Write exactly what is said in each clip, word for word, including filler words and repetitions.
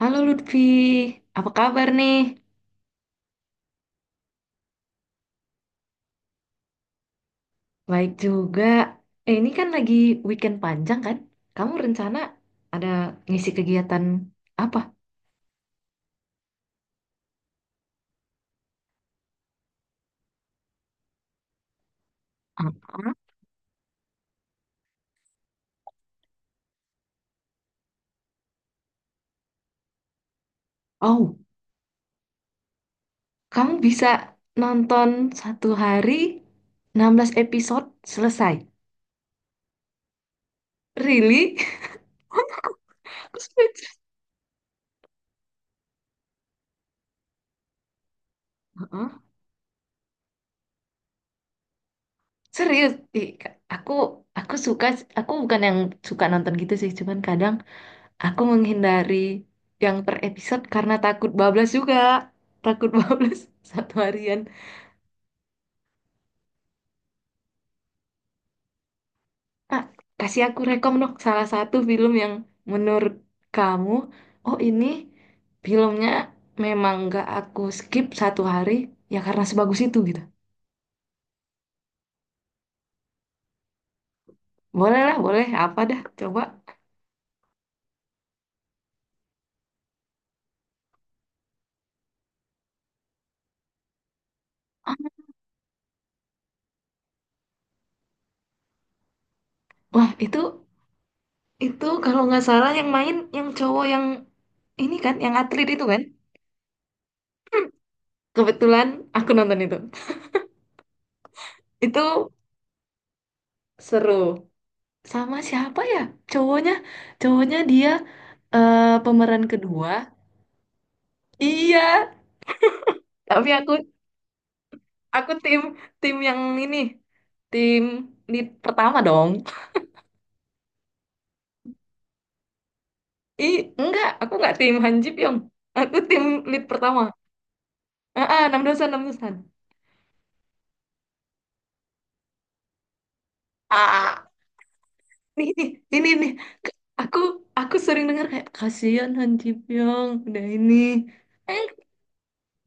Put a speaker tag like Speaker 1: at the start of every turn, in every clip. Speaker 1: Halo Lutfi, apa kabar nih? Baik juga. Eh, ini kan lagi weekend panjang kan? Kamu rencana ada ngisi kegiatan apa? Apa? Oh, kamu bisa nonton satu hari enam belas episode selesai. Really? Aku speechless. Heeh. Serius? Ih, aku aku suka aku bukan yang suka nonton gitu sih, cuman kadang aku menghindari yang per episode karena takut bablas juga. Takut bablas satu harian. Ah, kasih aku rekom dong salah satu film yang menurut kamu, oh ini filmnya memang nggak aku skip satu hari ya karena sebagus itu gitu. Boleh lah, boleh. Apa dah, coba. Wah, itu itu kalau nggak salah yang main yang cowok yang ini kan, yang atlet itu kan. Kebetulan aku nonton itu. Itu seru. Sama siapa ya, cowoknya, cowoknya dia, eh, pemeran kedua, iya, tapi aku aku tim, tim yang ini tim lead pertama dong. Ih enggak, aku enggak tim Han Ji Pyong, aku tim lead pertama. Ah ah, enam dosan, enam dosan. Ah ini ini ini aku aku sering dengar kayak kasihan Han Ji Pyong udah ini. Eh,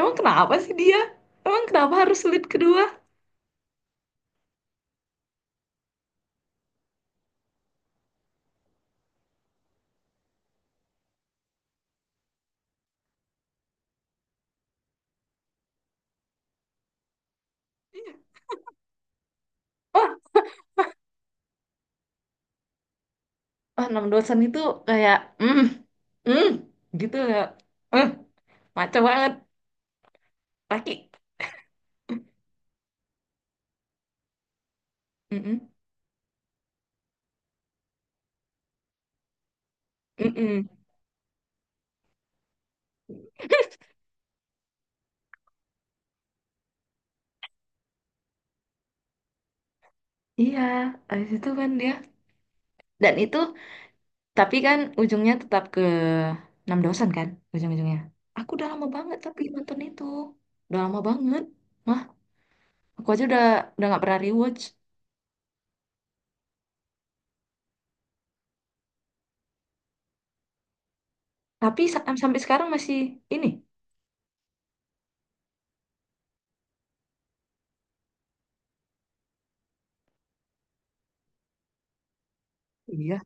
Speaker 1: emang kenapa sih dia, emang kenapa harus lead kedua? Oh, enam dosen itu kayak, mm, mm, gitu ya. eh maco banget, laki. Mm-mm, mm-mm. Iya, habis itu kan dia, dan itu, tapi kan ujungnya tetap ke enam dosen kan, ujung-ujungnya. Aku udah lama banget tapi nonton itu, udah lama banget mah, aku aja udah udah nggak pernah rewatch. Tapi sa- sampai sekarang masih ini. Iya.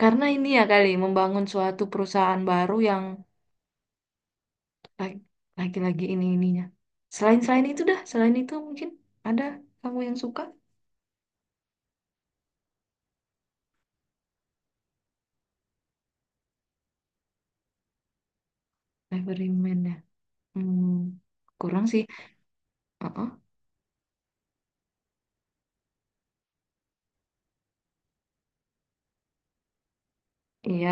Speaker 1: Karena ini ya kali membangun suatu perusahaan baru yang Lagi- lagi-lagi ini ininya. Selain selain itu dah, selain itu mungkin ada kamu yang suka Nevermind ya. Hmm, kurang sih. Heeh. Iya.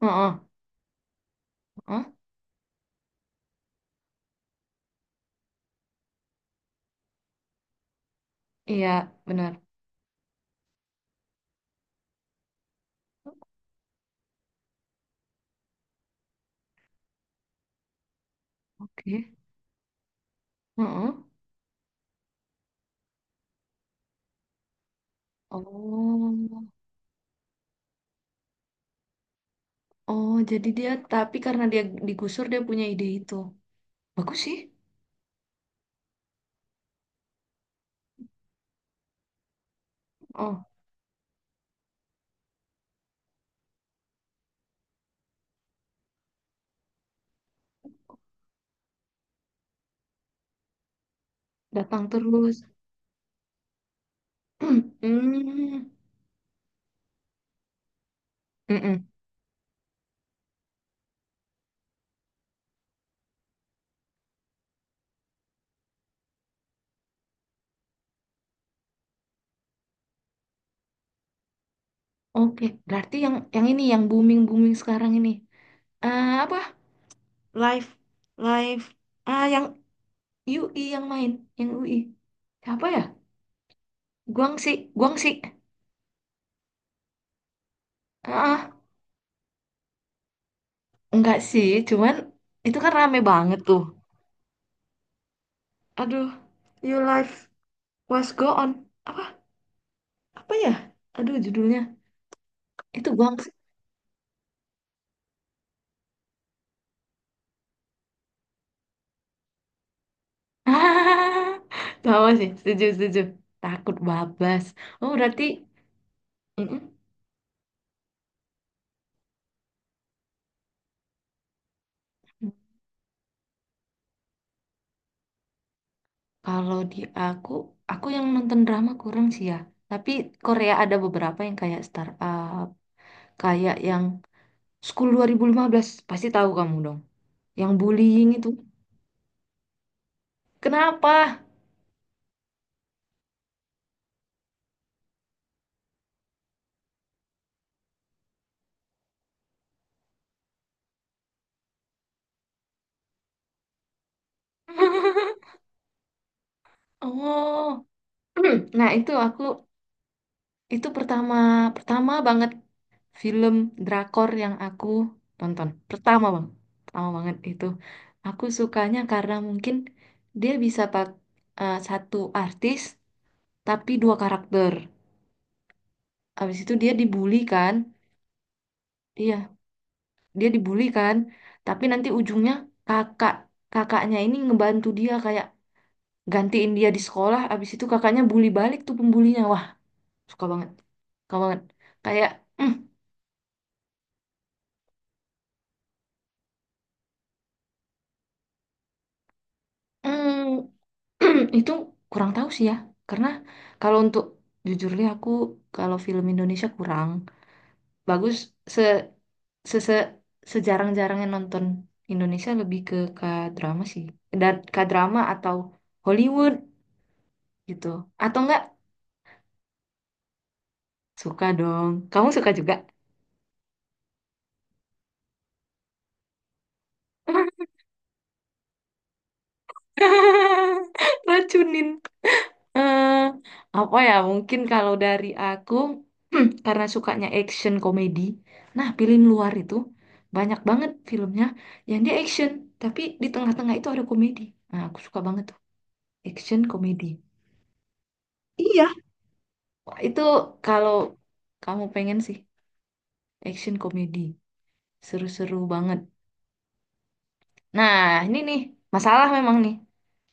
Speaker 1: Heeh. Heeh. Iya, benar. Oke. Heeh. Oh. Oh, jadi dia tapi karena dia digusur dia punya ide itu. Bagus sih. Oh, datang terus. Hmm. Mm-mm. Oke, berarti yang yang ini yang booming-booming sekarang ini. Eh, apa? Live live ah yang U I yang main, yang U I, siapa ya, Guangxi, Guangxi. Ah enggak sih, cuman itu kan rame banget tuh. Aduh, you life was go on, apa, apa ya, aduh judulnya, itu Guangxi. Ah sama sih, setuju, setuju. Takut babas. Oh berarti mm-mm. Kalau di aku, aku yang nonton drama kurang sih ya. Tapi Korea ada beberapa yang kayak startup, kayak yang School dua ribu lima belas, pasti tahu kamu dong. Yang bullying itu. Kenapa? Oh. Nah, itu aku, itu pertama pertama banget film drakor yang aku tonton. Pertama, Bang. Pertama banget itu. Aku sukanya karena mungkin dia bisa pak, eh, satu artis tapi dua karakter. Habis itu dia dibully kan? Iya, dia dibully kan, tapi nanti ujungnya kakak, kakaknya ini ngebantu dia kayak gantiin dia di sekolah, abis itu kakaknya bully balik tuh pembulinya, wah, suka banget suka banget kayak, mm, mm, itu kurang tahu sih ya, karena kalau untuk, jujur deh aku, kalau film Indonesia kurang bagus. Se se, se sejarang-jarangnya nonton Indonesia, lebih ke K-drama sih, dan K-drama atau Hollywood gitu, atau enggak. Suka dong. Kamu suka juga? Racunin. Eh, apa ya? Mungkin kalau dari aku, karena sukanya action komedi. Nah, pilih luar itu banyak banget filmnya, yang dia action, tapi di tengah-tengah itu ada komedi. Nah, aku suka banget tuh action komedi. Iya, wah, itu kalau kamu pengen sih, action komedi seru-seru banget. Nah, ini nih masalah memang nih.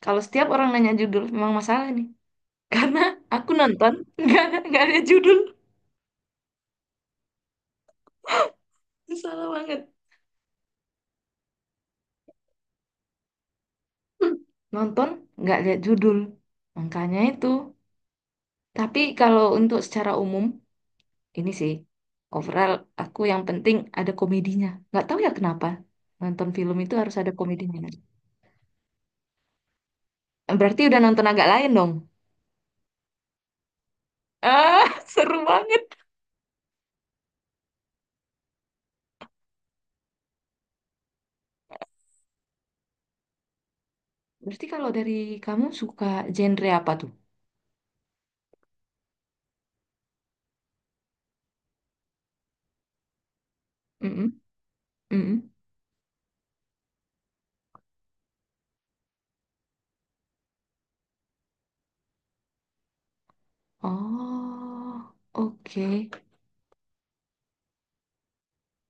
Speaker 1: Kalau setiap orang nanya judul memang masalah nih. Karena aku nonton nggak ada nggak ada judul, salah banget. Hmm. Nonton nggak lihat judul, makanya itu. Tapi kalau untuk secara umum ini sih, overall aku yang penting ada komedinya, nggak tahu ya kenapa nonton film itu harus ada komedinya. Berarti udah nonton agak lain dong. Ah seru banget. Berarti kalau dari kamu, suka genre apa tuh? Mm-mm, mm-mm. Oh, oke.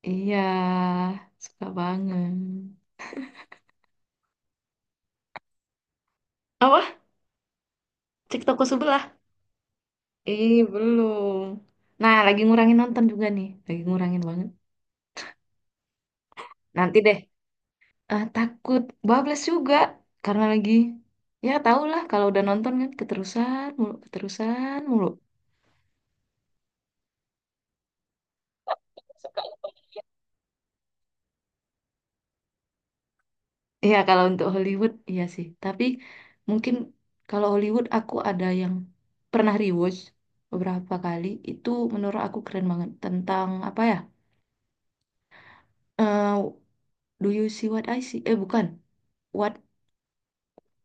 Speaker 1: Iya, suka banget. Apa? Cek toko sebelah. Ih, belum. Nah, lagi ngurangin nonton juga nih. Lagi ngurangin banget. Nanti deh. Eh, takut bablas juga. Karena lagi... Ya, tau lah. Kalau udah nonton kan keterusan mulu. Keterusan mulu. Iya, kalau untuk Hollywood, iya sih. Tapi mungkin kalau Hollywood aku ada yang pernah rewatch beberapa kali. Itu menurut aku keren banget. Tentang apa ya? Eh, do you see what I see? Eh, bukan. What...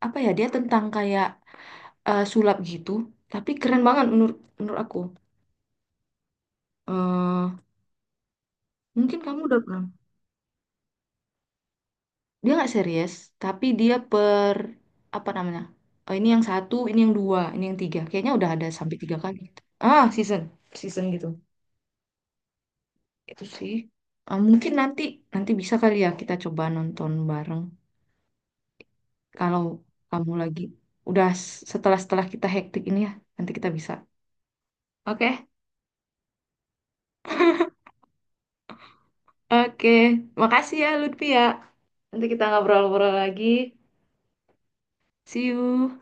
Speaker 1: Apa ya? Dia tentang kayak, eh, sulap gitu, tapi keren banget menurut, menurut aku. eh mungkin kamu udah pernah. Dia nggak serius, tapi dia per, apa namanya? Oh, ini yang satu, ini yang dua, ini yang tiga. Kayaknya udah ada sampai tiga kali gitu. Ah, season, season gitu. Itu sih. Eh, mungkin nanti nanti bisa kali ya kita coba nonton bareng. Kalau kamu lagi udah s- setelah, setelah kita hektik ini ya, nanti kita bisa. Oke. Oke. Makasih ya Lutfi ya. Nanti kita ngobrol-ngobrol lagi. See you.